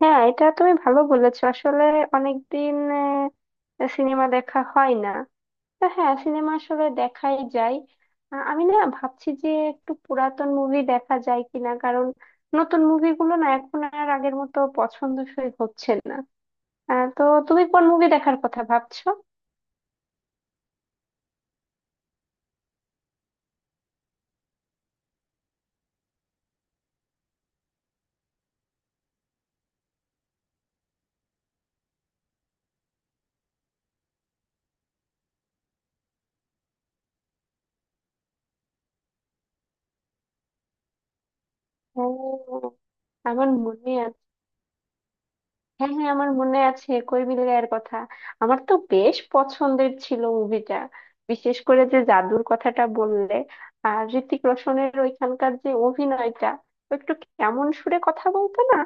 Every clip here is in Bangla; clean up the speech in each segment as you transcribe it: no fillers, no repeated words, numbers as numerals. হ্যাঁ, এটা তুমি ভালো বলেছো। আসলে অনেকদিন সিনেমা দেখা হয় না। তো হ্যাঁ, সিনেমা আসলে দেখাই যায়। আমি না ভাবছি যে একটু পুরাতন মুভি দেখা যায় কিনা, কারণ নতুন মুভিগুলো না এখন আর আগের মতো পছন্দসই হচ্ছে না। তো তুমি কোন মুভি দেখার কথা ভাবছো? ও, আমার মনে আছে। হ্যাঁ হ্যাঁ আমার মনে আছে কই মিল গায়ের কথা। আমার তো বেশ পছন্দের ছিল মুভিটা, বিশেষ করে যে জাদুর কথাটা বললে। আর হৃতিক রোশনের ওইখানকার যে অভিনয়টা, ও একটু কেমন সুরে কথা বলতো না,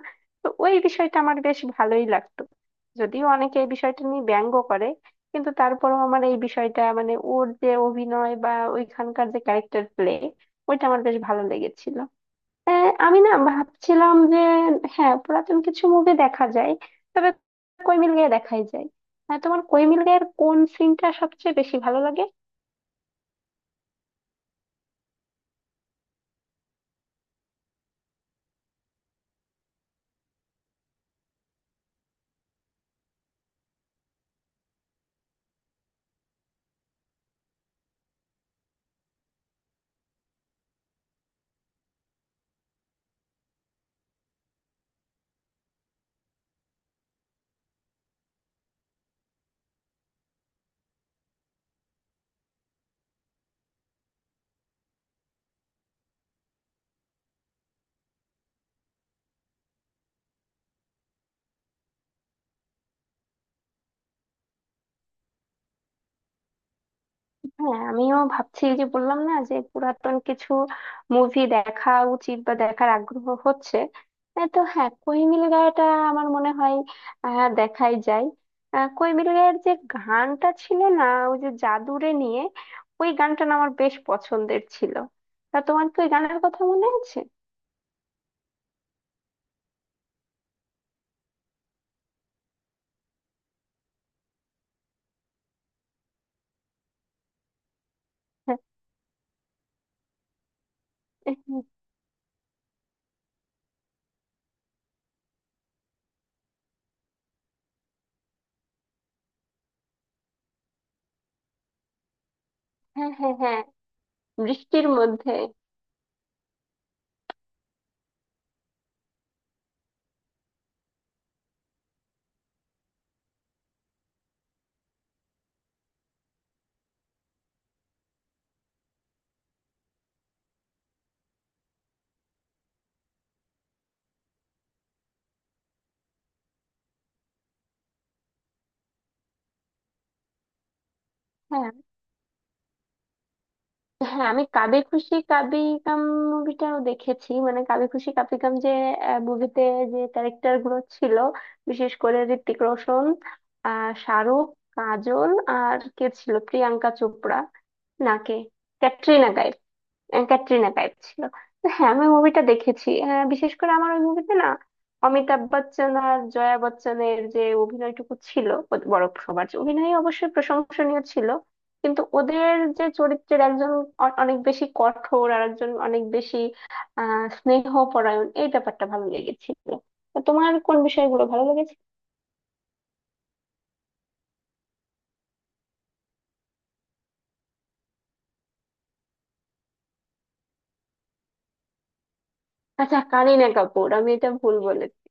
তো ওই বিষয়টা আমার বেশ ভালোই লাগতো। যদিও অনেকে এই বিষয়টা নিয়ে ব্যঙ্গ করে, কিন্তু তারপরেও আমার এই বিষয়টা, মানে ওর যে অভিনয় বা ওইখানকার যে ক্যারেক্টার প্লে, ওইটা আমার বেশ ভালো লেগেছিল। আমি না ভাবছিলাম যে হ্যাঁ, পুরাতন কিছু মুভি দেখা যায়। তবে কই মিল গয়া দেখাই যায়। তোমার কই মিল গয়ার কোন সিনটা সবচেয়ে বেশি ভালো লাগে? হ্যাঁ, আমিও ভাবছি, যে বললাম না, যে পুরাতন কিছু মুভি দেখা উচিত বা দেখার আগ্রহ হচ্ছে। তো হ্যাঁ, কই মিল গয়াটা আমার মনে হয় দেখাই যায়। কই মিল গয়ার যে গানটা ছিল না, ওই যে জাদুরে নিয়ে, ওই গানটা না আমার বেশ পছন্দের ছিল। তা তোমার কি ওই গানের কথা মনে আছে? হ্যাঁ, হ্যাঁ। হ্যাঁ। বৃষ্টির মধ্যে। হ্যাঁ। হ্যাঁ, আমি কাবি খুশি কাবি গাম মুভিটাও দেখেছি। মানে কাবি খুশি কাবি গাম যে মুভিতে যে ক্যারেক্টার গুলো ছিল, বিশেষ করে ঋত্বিক রোশন, শাহরুখ, কাজল, আর কে ছিল, প্রিয়াঙ্কা চোপড়া নাকে ক্যাটরিনা কাইফ, ক্যাটরিনা টাইপ ছিল। তো হ্যাঁ, আমি মুভিটা দেখেছি। হ্যাঁ, বিশেষ করে আমার ওই মুভিতে না অমিতাভ বচ্চন আর জয়া বচ্চনের যে অভিনয়টুকু ছিল, ওদের বড় সবার যে অভিনয় অবশ্যই প্রশংসনীয় ছিল, কিন্তু ওদের যে চরিত্রের একজন অনেক বেশি কঠোর আর একজন অনেক বেশি স্নেহপরায়ণ, এই ব্যাপারটা ভালো লেগেছিল। তো তোমার কোন বিষয়গুলো ভালো লেগেছে? আচ্ছা, কারিনা কাপুর, আমি এটা ভুল বলেছি।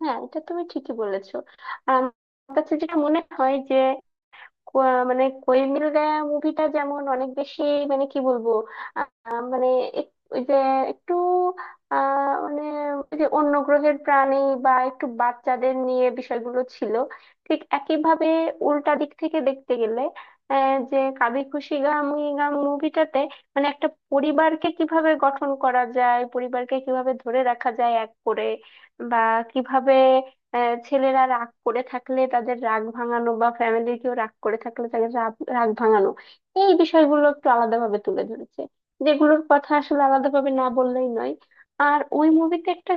হ্যাঁ, এটা তুমি ঠিকই বলেছো। আর আমার কাছে যেটা মনে হয় যে কো- মানে কোই মিল গায়া মুভিটা যেমন অনেক বেশি, মানে কি বলবো, মানে ওই যে একটু, মানে ওই যে অন্য গ্রহের প্রাণী বা একটু বাচ্চাদের নিয়ে বিষয়গুলো ছিল, ঠিক একইভাবে উল্টা দিক থেকে দেখতে গেলে যে কাবি খুশি গাম উই গাম মুভিটাতে মানে একটা পরিবারকে কিভাবে গঠন করা যায়, পরিবারকে কিভাবে ধরে রাখা যায় এক করে, বা কিভাবে ছেলেরা রাগ করে থাকলে তাদের রাগ ভাঙানো, বা ফ্যামিলির কেউ রাগ করে থাকলে তাদের রাগ রাগ ভাঙানো, এই বিষয়গুলো একটু আলাদাভাবে তুলে ধরেছে, যেগুলোর কথা আসলে আলাদাভাবে না বললেই নয়। আর ওই মুভিতে একটা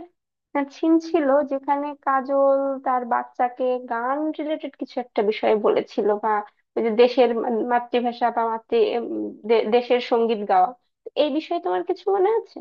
সিন ছিল যেখানে কাজল তার বাচ্চাকে গান রিলেটেড কিছু একটা বিষয়ে বলেছিল, বা ওই যে দেশের মাতৃভাষা বা মাতৃ উম, দেশের সঙ্গীত গাওয়া, এই বিষয়ে তোমার কিছু মনে আছে?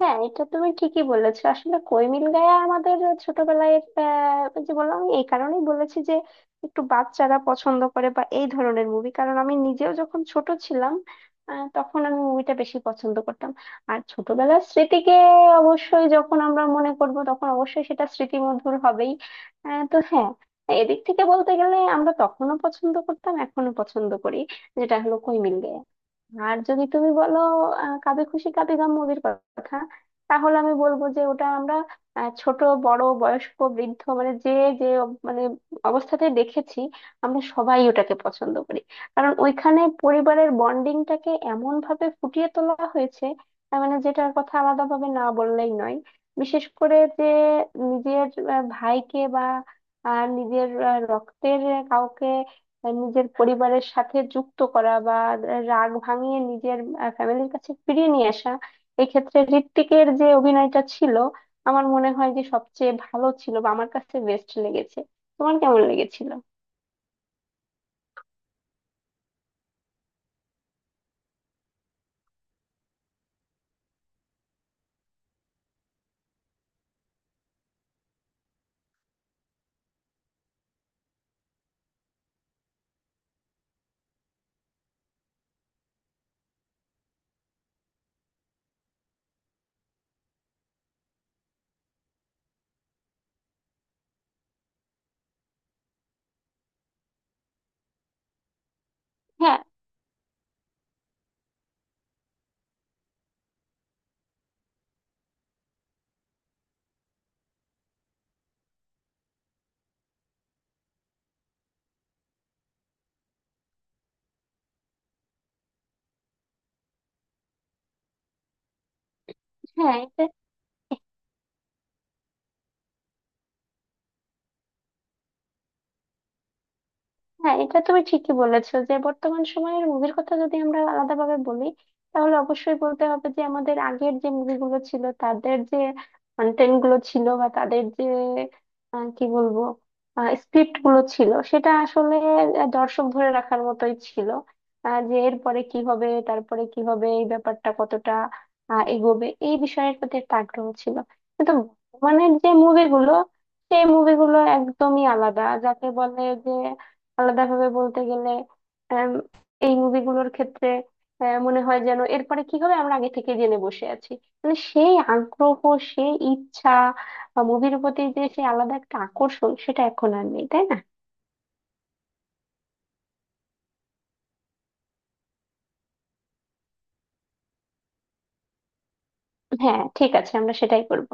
হ্যাঁ, এটা তুমি ঠিকই বলেছো। আসলে কই গায়া আমাদের ছোটবেলায়, ওই যে বললাম, আমি এই কারণেই বলেছি যে একটু বাচ্চারা পছন্দ করে বা এই ধরনের মুভি, কারণ আমি নিজেও যখন ছোট ছিলাম, তখন আমি মুভিটা বেশি পছন্দ করতাম। আর ছোটবেলার স্মৃতিকে অবশ্যই যখন আমরা মনে করব, তখন অবশ্যই সেটা স্মৃতি মধুর হবেই। তো হ্যাঁ, এদিক থেকে বলতে গেলে আমরা তখনও পছন্দ করতাম, এখনো পছন্দ করি, যেটা হলো কই মিল। আর যদি তুমি বলো কাবি খুশি কাবি গাম মুভির কথা, তাহলে আমি বলবো যে ওটা আমরা ছোট, বড়, বয়স্ক, বৃদ্ধ, মানে যে যে মানে অবস্থাতে দেখেছি, আমরা সবাই ওটাকে পছন্দ করি, কারণ ওইখানে পরিবারের বন্ডিংটাকে এমন ভাবে ফুটিয়ে তোলা হয়েছে, তার মানে যেটার কথা আলাদাভাবে না বললেই নয়। বিশেষ করে যে নিজের ভাইকে বা নিজের রক্তের কাউকে নিজের পরিবারের সাথে যুক্ত করা, বা রাগ ভাঙিয়ে নিজের ফ্যামিলির কাছে ফিরিয়ে নিয়ে আসা, এক্ষেত্রে হৃত্বিকের যে অভিনয়টা ছিল আমার মনে হয় যে সবচেয়ে ভালো ছিল, বা আমার কাছে বেস্ট লেগেছে। তোমার কেমন লেগেছিল? হ্যাঁ হ্যাঁ এটা, হ্যাঁ, এটা তুমি ঠিকই বলেছো। যে বর্তমান সময়ের মুভির কথা যদি আমরা আলাদাভাবে বলি, তাহলে অবশ্যই বলতে হবে যে আমাদের আগের যে মুভিগুলো ছিল, তাদের যে কন্টেন্ট গুলো ছিল, বা তাদের যে কি বলবো, স্ক্রিপ্ট গুলো ছিল সেটা আসলে দর্শক ধরে রাখার মতোই ছিল। যে এরপরে কি হবে, তারপরে কি হবে, এই ব্যাপারটা কতটা এগোবে, এই বিষয়ের প্রতি একটা আগ্রহ ছিল। কিন্তু বর্তমানের যে মুভিগুলো, সেই মুভিগুলো একদমই আলাদা, যাকে বলে যে আলাদাভাবে বলতে গেলে আম, এই মুভিগুলোর ক্ষেত্রে মনে হয় যেন এরপরে কি হবে আমরা আগে থেকে জেনে বসে আছি। মানে সেই আগ্রহ, সেই ইচ্ছা, মুভির প্রতি যে সেই আলাদা একটা আকর্ষণ, সেটা এখন আর নেই, তাই না? হ্যাঁ, ঠিক আছে, আমরা সেটাই করব।